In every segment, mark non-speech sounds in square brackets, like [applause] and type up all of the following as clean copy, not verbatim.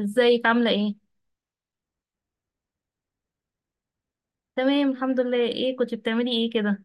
ازيك عاملة ايه؟ تمام الحمد لله، ايه كنت بتعملي ايه كده؟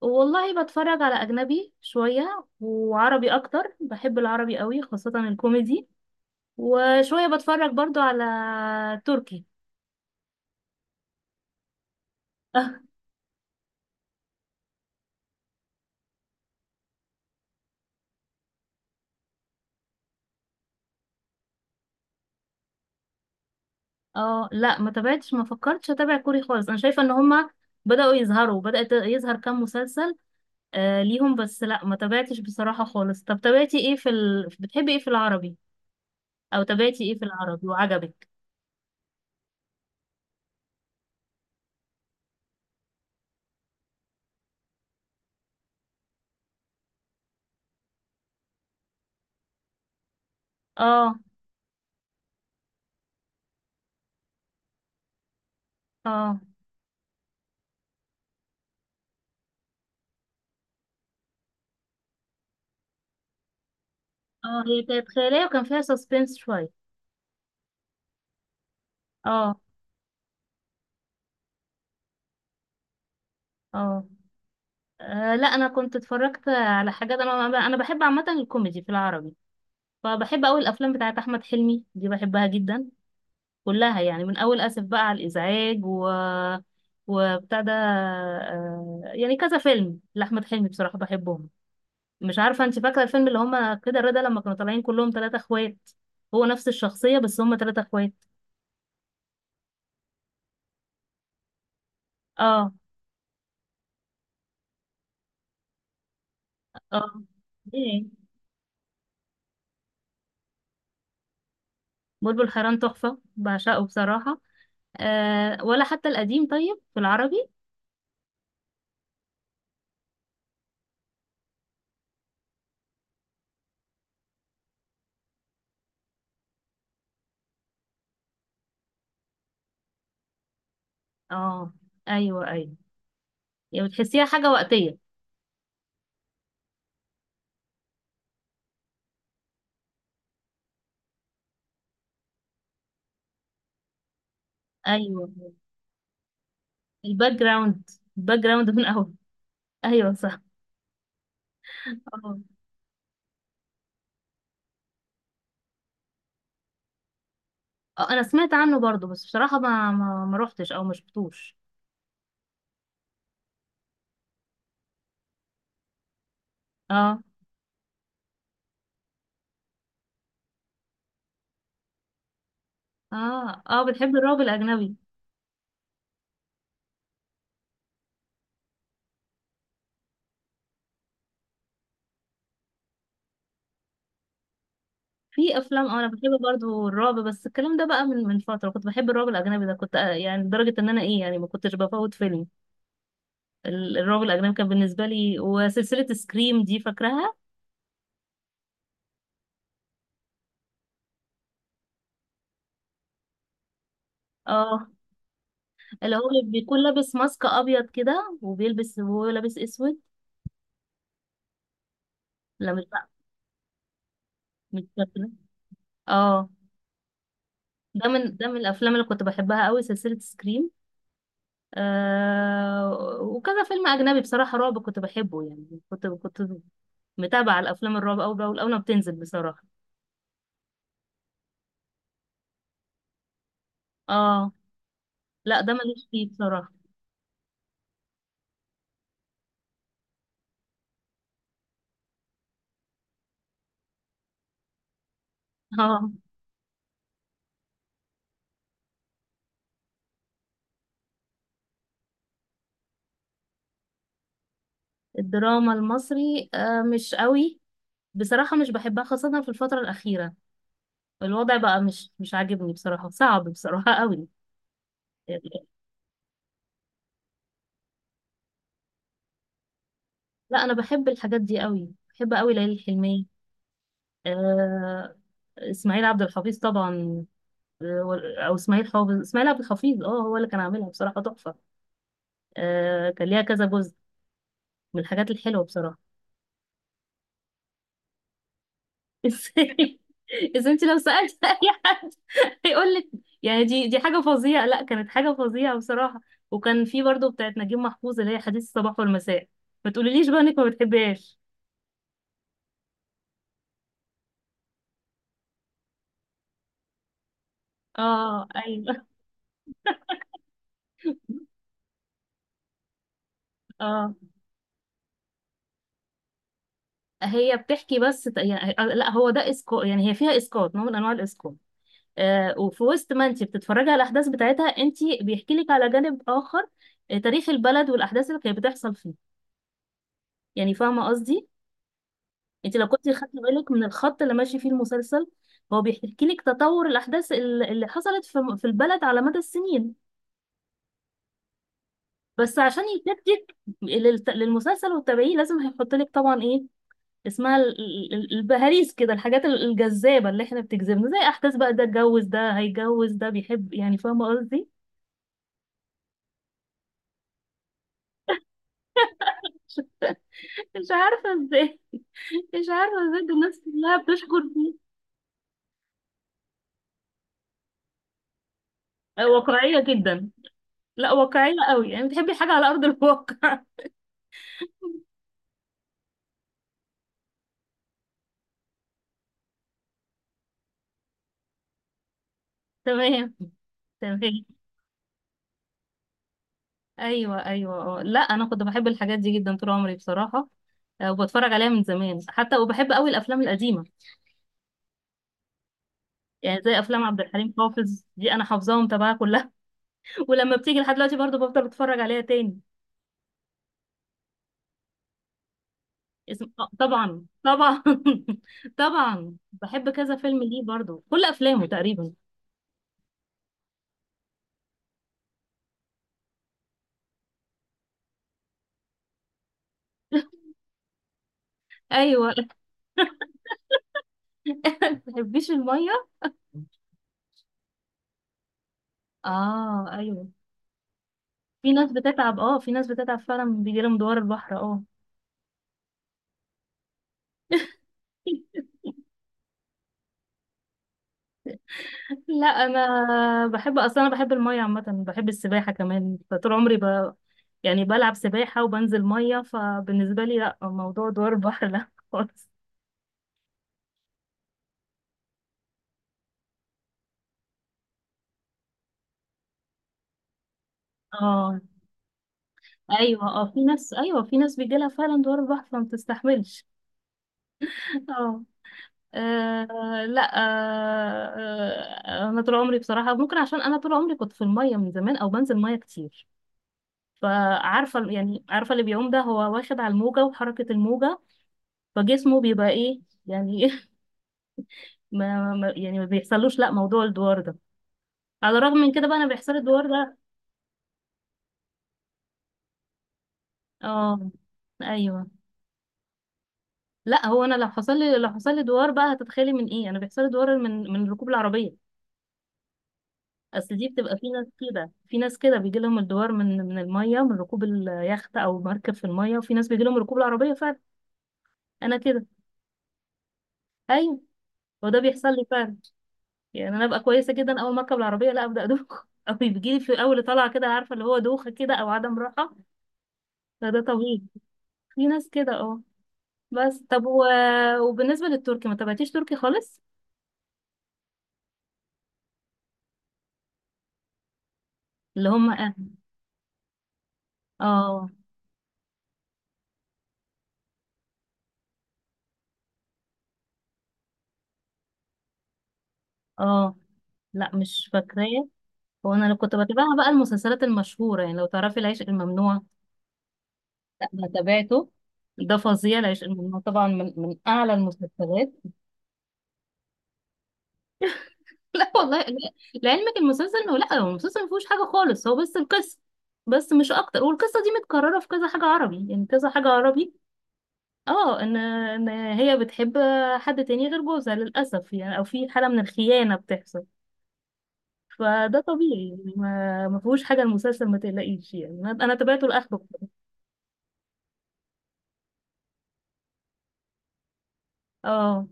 والله بتفرج على أجنبي شوية وعربي أكتر، بحب العربي قوي خاصة الكوميدي، وشوية بتفرج برضو على تركي. [laughs] اه، لا ما تابعتش، ما فكرتش اتابع كوري خالص، انا شايفة ان هما بدأوا يظهروا بدأت يظهر كام مسلسل آه ليهم، بس لا ما تابعتش بصراحة خالص. طب تابعتي ايه في بتحبي ايه في العربي؟ او تابعتي ايه في العربي وعجبك؟ اه، اه، اه، هي كانت خيالية وكان فيها سسبنس شوية. اه، اه، لا انا كنت اتفرجت على حاجات، انا بحب عامة الكوميدي في العربي، فبحب اول الافلام بتاعت احمد حلمي دي، بحبها جدا كلها، يعني من اول اسف بقى على الازعاج و وبتاع ده، يعني كذا فيلم لاحمد حلمي بصراحة بحبهم. مش عارفة انت فاكرة الفيلم اللي هما كده رضا لما كانوا طالعين كلهم ثلاثة اخوات؟ هو نفس الشخصية بس هما ثلاثة اخوات. اه، اه، ايه، بلبل حيران تحفة، بعشقه بصراحة. أه، ولا حتى القديم طيب في العربي. اه، ايوه، ايوه، يعني بتحسيها حاجة وقتية. ايوه، الباك جراوند الباك جراوند من اول، ايوه صح. اه، انا سمعت عنه برضو، بس بصراحة ما روحتش او ما شفتوش. اه، اه، اه، بتحب الرعب الاجنبي. في افلام، انا بحب برضو الرعب، بس الكلام ده بقى من فترة كنت بحب الرعب الاجنبي ده، كنت، يعني لدرجة ان انا، يعني ما كنتش بفوت فيلم. الرعب الأجنبي كان بالنسبة لي، وسلسلة سكريم دي فاكراها؟ اه، اللي بيكون لابس ماسك أبيض كده، وبيلبس وهو لابس أسود. لا، مش بقى، مش فاكرة. اه، ده من الأفلام اللي كنت بحبها قوي، سلسلة سكريم. وكذا فيلم أجنبي بصراحة رعب كنت بحبه، يعني كنت متابعة الأفلام الرعب أول بأول، أول ما بتنزل بصراحة. اه، لا ده ماليش فيه بصراحة. [laughs] اه، الدراما المصري، مش قوي، بصراحة مش بحبها، خاصة في الفترة الأخيرة الوضع بقى مش عاجبني بصراحة، صعب بصراحة قوي. لا، أنا بحب الحاجات دي قوي، بحب قوي ليالي الحلمية. آه إسماعيل عبد الحفيظ طبعا، آه، وال- أو إسماعيل حافظ إسماعيل عبد الحفيظ، اه، هو اللي كان عاملها بصراحة تحفة. كان ليها كذا جزء، من الحاجات الحلوة بصراحة. [laughs] ازاي؟ إذا أنت لو سألت [laughs] أي حد هيقول لك، يعني دي حاجة فظيعة، لا كانت حاجة فظيعة بصراحة. وكان في برضه بتاعت نجيب محفوظ اللي هي حديث الصباح والمساء، ما تقوليليش بقى إنك ما بتحبهاش. اه، ايوه، اه، هي بتحكي بس، يعني، لا هو ده اسقاط، يعني هي فيها اسقاط، نوع من انواع الاسقاط. وفي وسط ما انت بتتفرجي على الاحداث بتاعتها انت بيحكي لك على جانب اخر، تاريخ البلد والاحداث اللي كانت بتحصل فيه. يعني فاهمه قصدي؟ انت لو كنت خدت بالك من الخط اللي ماشي فيه المسلسل، هو بيحكي لك تطور الاحداث اللي حصلت في البلد على مدى السنين. بس عشان يشدك للمسلسل وتتابعيه، لازم هيحط لك طبعا إيه؟ اسمها البهاريس كده، الحاجات الجذابة اللي احنا بتجذبنا، زي احداث بقى ده اتجوز، ده هيتجوز، ده بيحب، يعني فاهمة قصدي؟ [laughs] مش عارفة ازاي مش عارفة ازاي ده الناس كلها بتشكر فيه. واقعية جدا، لا واقعية قوي، يعني بتحبي حاجة على أرض الواقع. [laughs] تمام، تمام. ايوه، ايوه، اه، لا انا كنت بحب الحاجات دي جدا طول عمري بصراحه، وبتفرج عليها من زمان حتى، وبحب قوي الافلام القديمه، يعني زي افلام عبد الحليم حافظ دي، انا حافظاهم تبعها كلها، ولما بتيجي لحد دلوقتي برضه بفضل اتفرج عليها تاني. اسم... آه، طبعا، طبعا، [laughs] طبعا بحب كذا فيلم ليه برضه، كل افلامه تقريبا. ايوه. [laughs] بتحبيش الميه. اه، ايوه، في ناس بتتعب، اه، في ناس بتتعب فعلا بيجي لهم دوار البحر، اه. [laughs] لا انا بحب اصلا، انا بحب الميه عامه، بحب السباحه كمان، فطول عمري يعني بلعب سباحه وبنزل ميه، فبالنسبه لي لا، موضوع دوار البحر لا خالص. اه، ايوه، اه، في ناس، ايوه، في ناس بيجيلها فعلا دوار البحر فما بتستحملش. [laughs] اه، لا، انا طول عمري بصراحه، ممكن عشان انا طول عمري كنت في الميه من زمان، او بنزل ميه كتير، يعني عارفه اللي بيعوم ده هو واخد على الموجه وحركه الموجه، فجسمه بيبقى ايه يعني. [laughs] يعني ما بيحصلوش لا موضوع الدوار ده. على الرغم من كده بقى انا بيحصل الدوار ده. اه، ايوه، لا هو انا، لو حصل لي دوار بقى، هتتخيلي من ايه؟ انا بيحصل لي دوار من من ركوب العربيه. اصل دي بتبقى في ناس كده بيجي لهم الدوار من من الميه، من ركوب اليخت او مركب في الميه، وفي ناس بيجي لهم ركوب العربيه فعلا. انا كده. ايوه. وده بيحصل لي فعلا. يعني انا ابقى كويسه جدا اول ما اركب العربيه، لا ابدا، ادوخ، [laughs] او بيجي لي في اول طلعه كده، عارفه اللي هو دوخه كده او عدم راحه، فده طبيعي. في ناس كده، اه. بس طب وبالنسبه للتركي، ما تابعتيش تركي خالص؟ اللي هم، اه، اه، اه، لا مش فاكراه. هو انا لو كنت بتابعها بقى المسلسلات المشهوره، يعني لو تعرفي العشق الممنوع، لا انا تابعته، ده فظيع، لأن طبعا من اعلى المسلسلات. [laughs] لا، والله، لعلمك المسلسل، لا هو المسلسل ما فيهوش حاجه خالص، هو بس القصه، بس مش اكتر، والقصه دي متكرره في كذا حاجه عربي، يعني كذا حاجه عربي. اه، ان هي بتحب حد تاني غير جوزها للاسف، يعني او في حاله من الخيانه بتحصل، فده طبيعي، يعني ما فيهوش حاجه المسلسل، ما تقلقيش، يعني أنا تابعته لاخره. اه،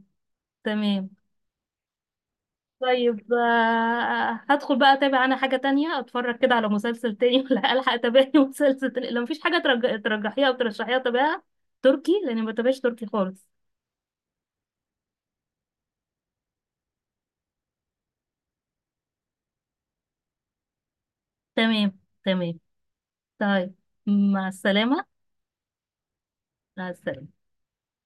تمام، طيب. هدخل بقى اتابع انا حاجة تانية، اتفرج كده على مسلسل تاني، [laughs] ولا الحق اتابع لي مسلسل تاني لو مفيش حاجة ترجحيها او ترشحيها اتابعها تركي، لاني ما بتابعش تركي خالص. تمام، تمام، طيب، مع السلامة، مع السلامة،